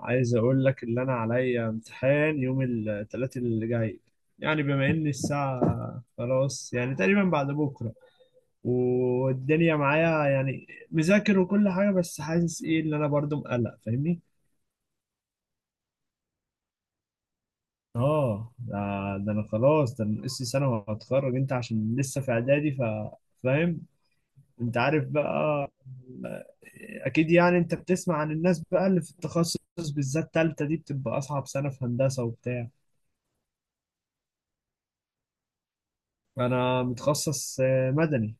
عايز اقول لك اللي انا عليا امتحان يوم الثلاث اللي جاي. يعني بما ان الساعة خلاص يعني تقريبا بعد بكرة، والدنيا معايا يعني مذاكر وكل حاجة، بس حاسس ايه اللي انا برضو مقلق فاهمني. اه ده, ده انا خلاص، ده انا ناقصي سنة وهتخرج، انت عشان لسه في اعدادي، فاهم. انت عارف بقى اكيد يعني، انت بتسمع عن الناس بقى اللي في التخصص، بالذات تالتة دي بتبقى اصعب سنة في هندسة وبتاع. انا متخصص مدني.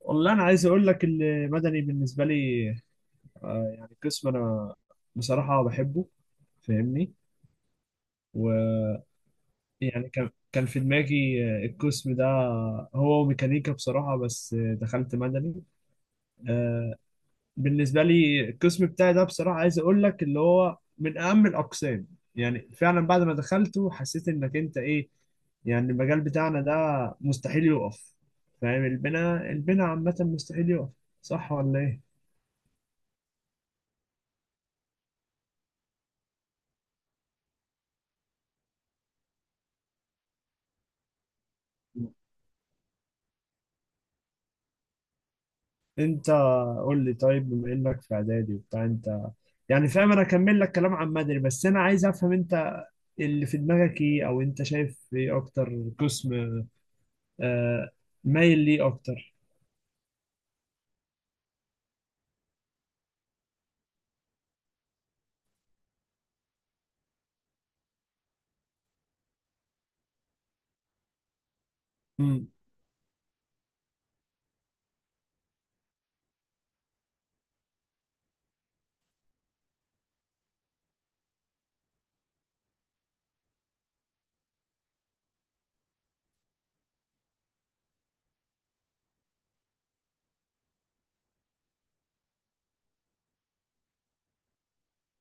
والله انا عايز اقول لك المدني بالنسبه لي، يعني قسم انا بصراحه بحبه، فاهمني، ويعني كان في دماغي القسم ده هو ميكانيكا بصراحه، بس دخلت مدني. آه، بالنسبه لي القسم بتاعي ده بصراحه، عايز اقول لك اللي هو من اهم الاقسام. يعني فعلا بعد ما دخلته حسيت انك انت ايه، يعني المجال بتاعنا ده مستحيل يقف. فاهم، البناء عامه مستحيل يقف، صح ولا ايه؟ انت قول لي طيب، بما انك في اعدادي وبتاع، انت يعني فاهم انا اكمل لك كلام عن مدني، بس انا عايز افهم انت اللي في دماغك ايه، او انت شايف ايه اكتر قسم آه مايل ليه اكتر.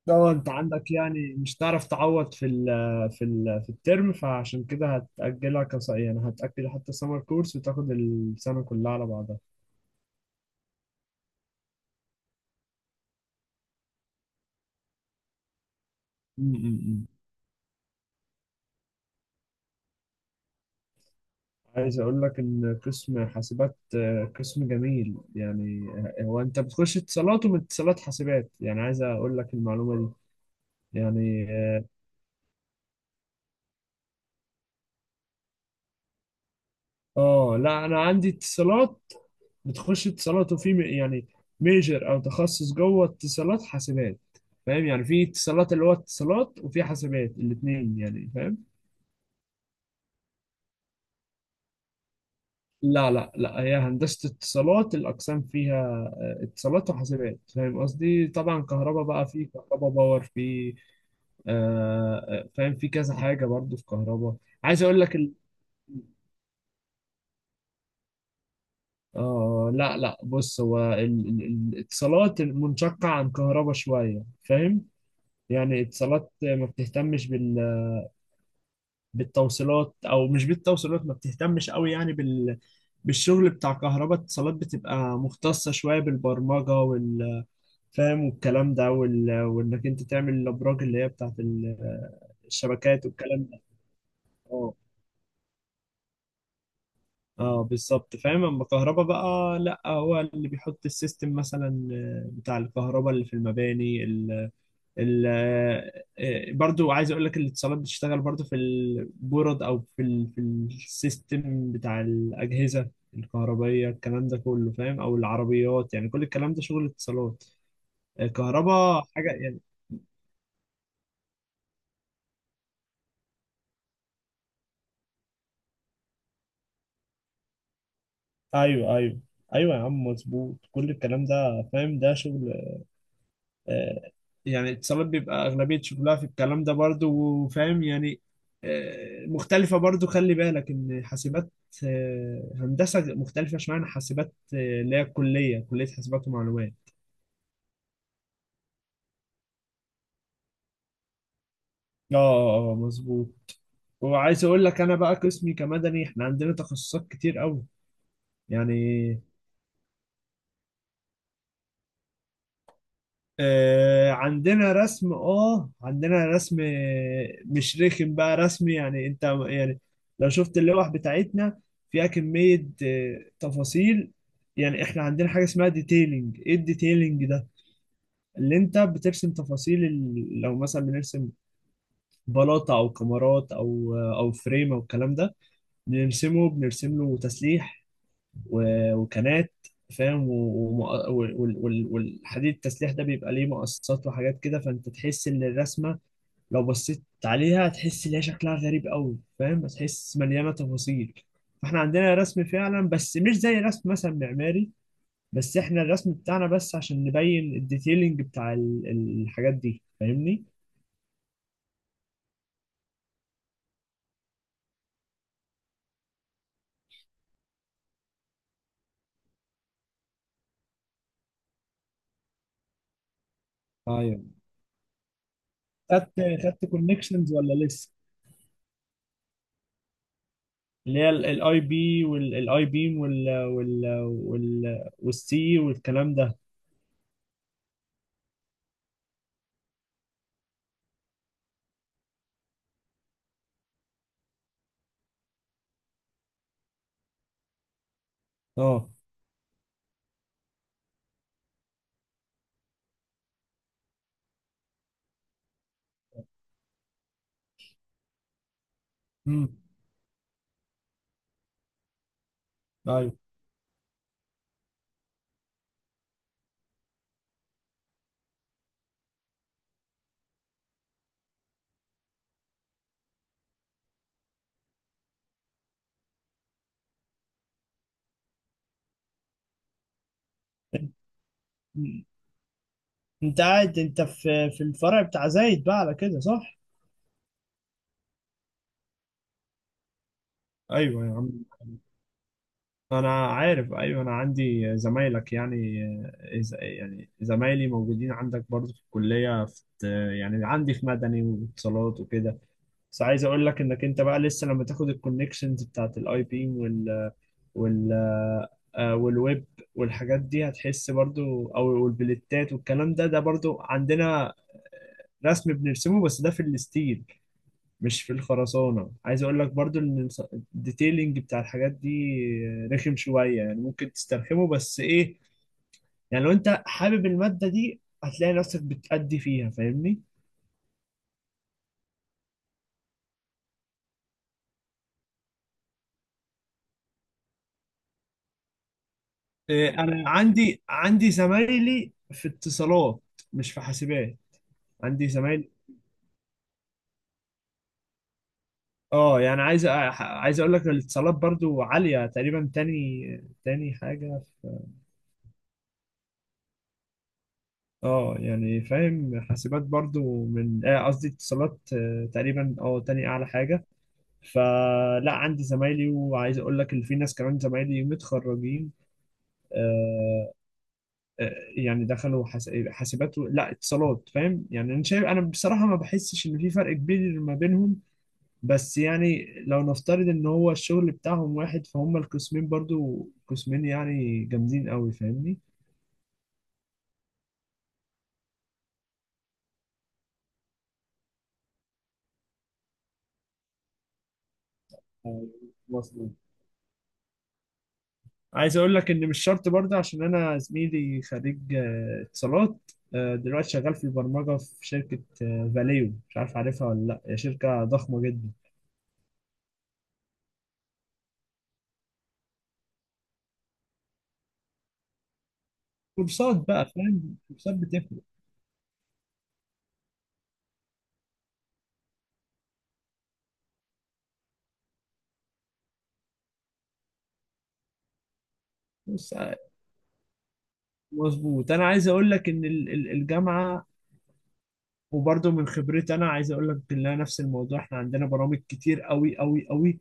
اه، انت عندك يعني مش هتعرف تعوض في ال في الترم، فعشان كده هتأجلها يعني هتأجل حتى سمر كورس وتاخد السنة كلها على بعضها. م- م- م. عايز اقول لك ان قسم حاسبات قسم جميل يعني. هو انت بتخش اتصالات، ومن اتصالات حاسبات، يعني عايز اقول لك المعلومة دي يعني. اه لا، انا عندي اتصالات، بتخش اتصالات وفي يعني ميجر او تخصص جوه اتصالات حاسبات. فاهم يعني، في اتصالات اللي هو اتصالات، وفي حاسبات الاثنين، يعني فاهم. لا لا لا، هي هندسة اتصالات، الاقسام فيها اتصالات وحاسبات. فاهم قصدي؟ طبعا كهرباء بقى في كهرباء باور، في فاهم في كذا حاجة برضو في كهرباء. عايز اقول لك آه لا لا، بص هو ال- الاتصالات منشقة عن كهرباء شوية، فاهم؟ يعني اتصالات ما بتهتمش بالتوصيلات، او مش بالتوصيلات، ما بتهتمش قوي يعني بالشغل بتاع كهرباء. اتصالات بتبقى مختصة شوية بالبرمجة فاهم، والكلام ده، وانك انت تعمل الابراج اللي هي بتاعت الشبكات والكلام ده. اه، اه بالظبط فاهم. اما كهرباء بقى لا، هو اللي بيحط السيستم مثلا بتاع الكهرباء اللي في المباني. ال- برضو عايز اقول لك الاتصالات بتشتغل برضو في البورد، او في ال في السيستم بتاع الاجهزه الكهربائيه الكلام ده كله. فاهم؟ او العربيات، يعني كل الكلام ده شغل اتصالات، الكهرباء حاجه يعني. ايوه ايوه، ايوه يا عم مظبوط، كل الكلام ده فاهم. ده شغل آه، يعني اتصالات بيبقى أغلبية شغلها في الكلام ده برضو، وفاهم يعني مختلفة برضو. خلي بالك إن حاسبات هندسة مختلفة شوية عن حاسبات اللي هي الكلية، كلية حاسبات ومعلومات. اه، مظبوط. وعايز اقول لك انا بقى، قسمي كمدني احنا عندنا تخصصات كتير قوي يعني. عندنا رسم، اه عندنا رسم مش رخم بقى، رسم يعني. انت يعني لو شفت اللوح بتاعتنا، فيها كمية تفاصيل. يعني احنا عندنا حاجة اسمها ديتيلينج. ايه الديتيلينج ده؟ اللي انت بترسم تفاصيل لو مثلا بنرسم بلاطة او كمرات او او فريم او الكلام ده، بنرسمه، بنرسم له تسليح وكانات. فاهم؟ والحديد التسليح ده بيبقى ليه مقصات وحاجات كده، فانت تحس ان الرسمه لو بصيت عليها هتحس ان هي شكلها غريب قوي. فاهم؟ هتحس مليانه تفاصيل. فاحنا عندنا رسم فعلا، بس مش زي رسم مثلا معماري. بس احنا الرسم بتاعنا بس عشان نبين الديتيلنج بتاع الحاجات دي، فاهمني. ايوه، خدت خدت كونكشنز ولا لسه؟ اللي هي الاي بي والاي بيم والسي والكلام ده. اه، امم، ايوه، مم. انت قاعد انت في الفرع بتاع زايد بقى على كده، صح؟ ايوه يا عم، انا عارف، ايوه انا عندي زمايلك يعني. يعني زمايلي موجودين عندك برضه في الكليه في، يعني عندي في مدني واتصالات وكده. بس عايز اقول لك انك انت بقى لسه لما تاخد الكونكشنز بتاعت الاي بي وال وال والويب والحاجات دي هتحس برضو، او والبلتات والكلام ده، ده برضو عندنا رسم بنرسمه، بس ده في الستيل مش في الخرسانة. عايز اقول لك برضو ان الديتيلينج بتاع الحاجات دي رخم شوية يعني، ممكن تسترخمه، بس ايه، يعني لو انت حابب المادة دي هتلاقي نفسك بتأدي فيها، فاهمني. إيه، انا عندي، عندي زمايلي في اتصالات مش في حاسبات. عندي زمايلي، اه يعني عايز اقول لك الاتصالات برضو عالية تقريبا، تاني حاجة. اه يعني فاهم، حاسبات برضو من قصدي اتصالات تقريبا اه تاني اعلى حاجة. فلا، عندي زمايلي، وعايز اقول لك اللي في ناس كمان زمايلي متخرجين، آه، آه، يعني دخلوا حاسبات لا اتصالات. فاهم يعني، انا شايف انا بصراحة ما بحسش ان في فرق كبير ما بينهم. بس يعني لو نفترض ان هو الشغل بتاعهم واحد، فهم القسمين برضو، قسمين يعني جامدين قوي، فاهمني. آه، عايز اقول لك ان مش شرط برضه، عشان انا زميلي خريج اتصالات دلوقتي شغال في البرمجه في شركه فاليو، مش عارف عارفها ولا لا، هي شركه ضخمه جدا. كورسات بقى فاهم، كورسات بتفرق. بص مظبوط، انا عايز اقول لك ان الجامعه، وبرضه من خبرتي انا عايز اقول لك ان أنا نفس الموضوع، احنا عندنا برامج كتير قوي قوي قوي.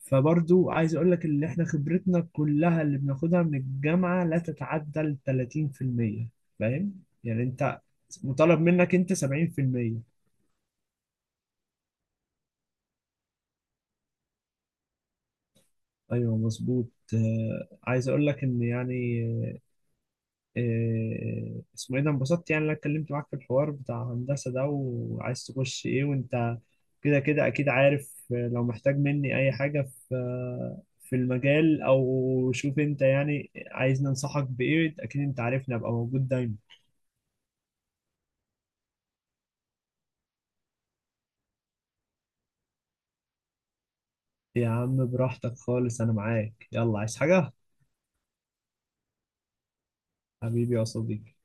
فبرضو عايز اقول لك اللي احنا خبرتنا كلها اللي بناخدها من الجامعة لا تتعدى ال 30%. فاهم يعني، انت مطالب منك انت 70%. ايوه مظبوط، آه عايز اقول لك ان يعني اسمه ايه ده، انبسطت يعني إن انا اتكلمت معاك في الحوار بتاع هندسة ده، وعايز تخش ايه وانت كده كده اكيد عارف. لو محتاج مني اي حاجة في في المجال، او شوف انت يعني عايزني انصحك بايه، اكيد انت عارفني ابقى موجود دايما. يا عم براحتك خالص، انا معاك، يلا عايز حاجة؟ حبيبي يا صديقي.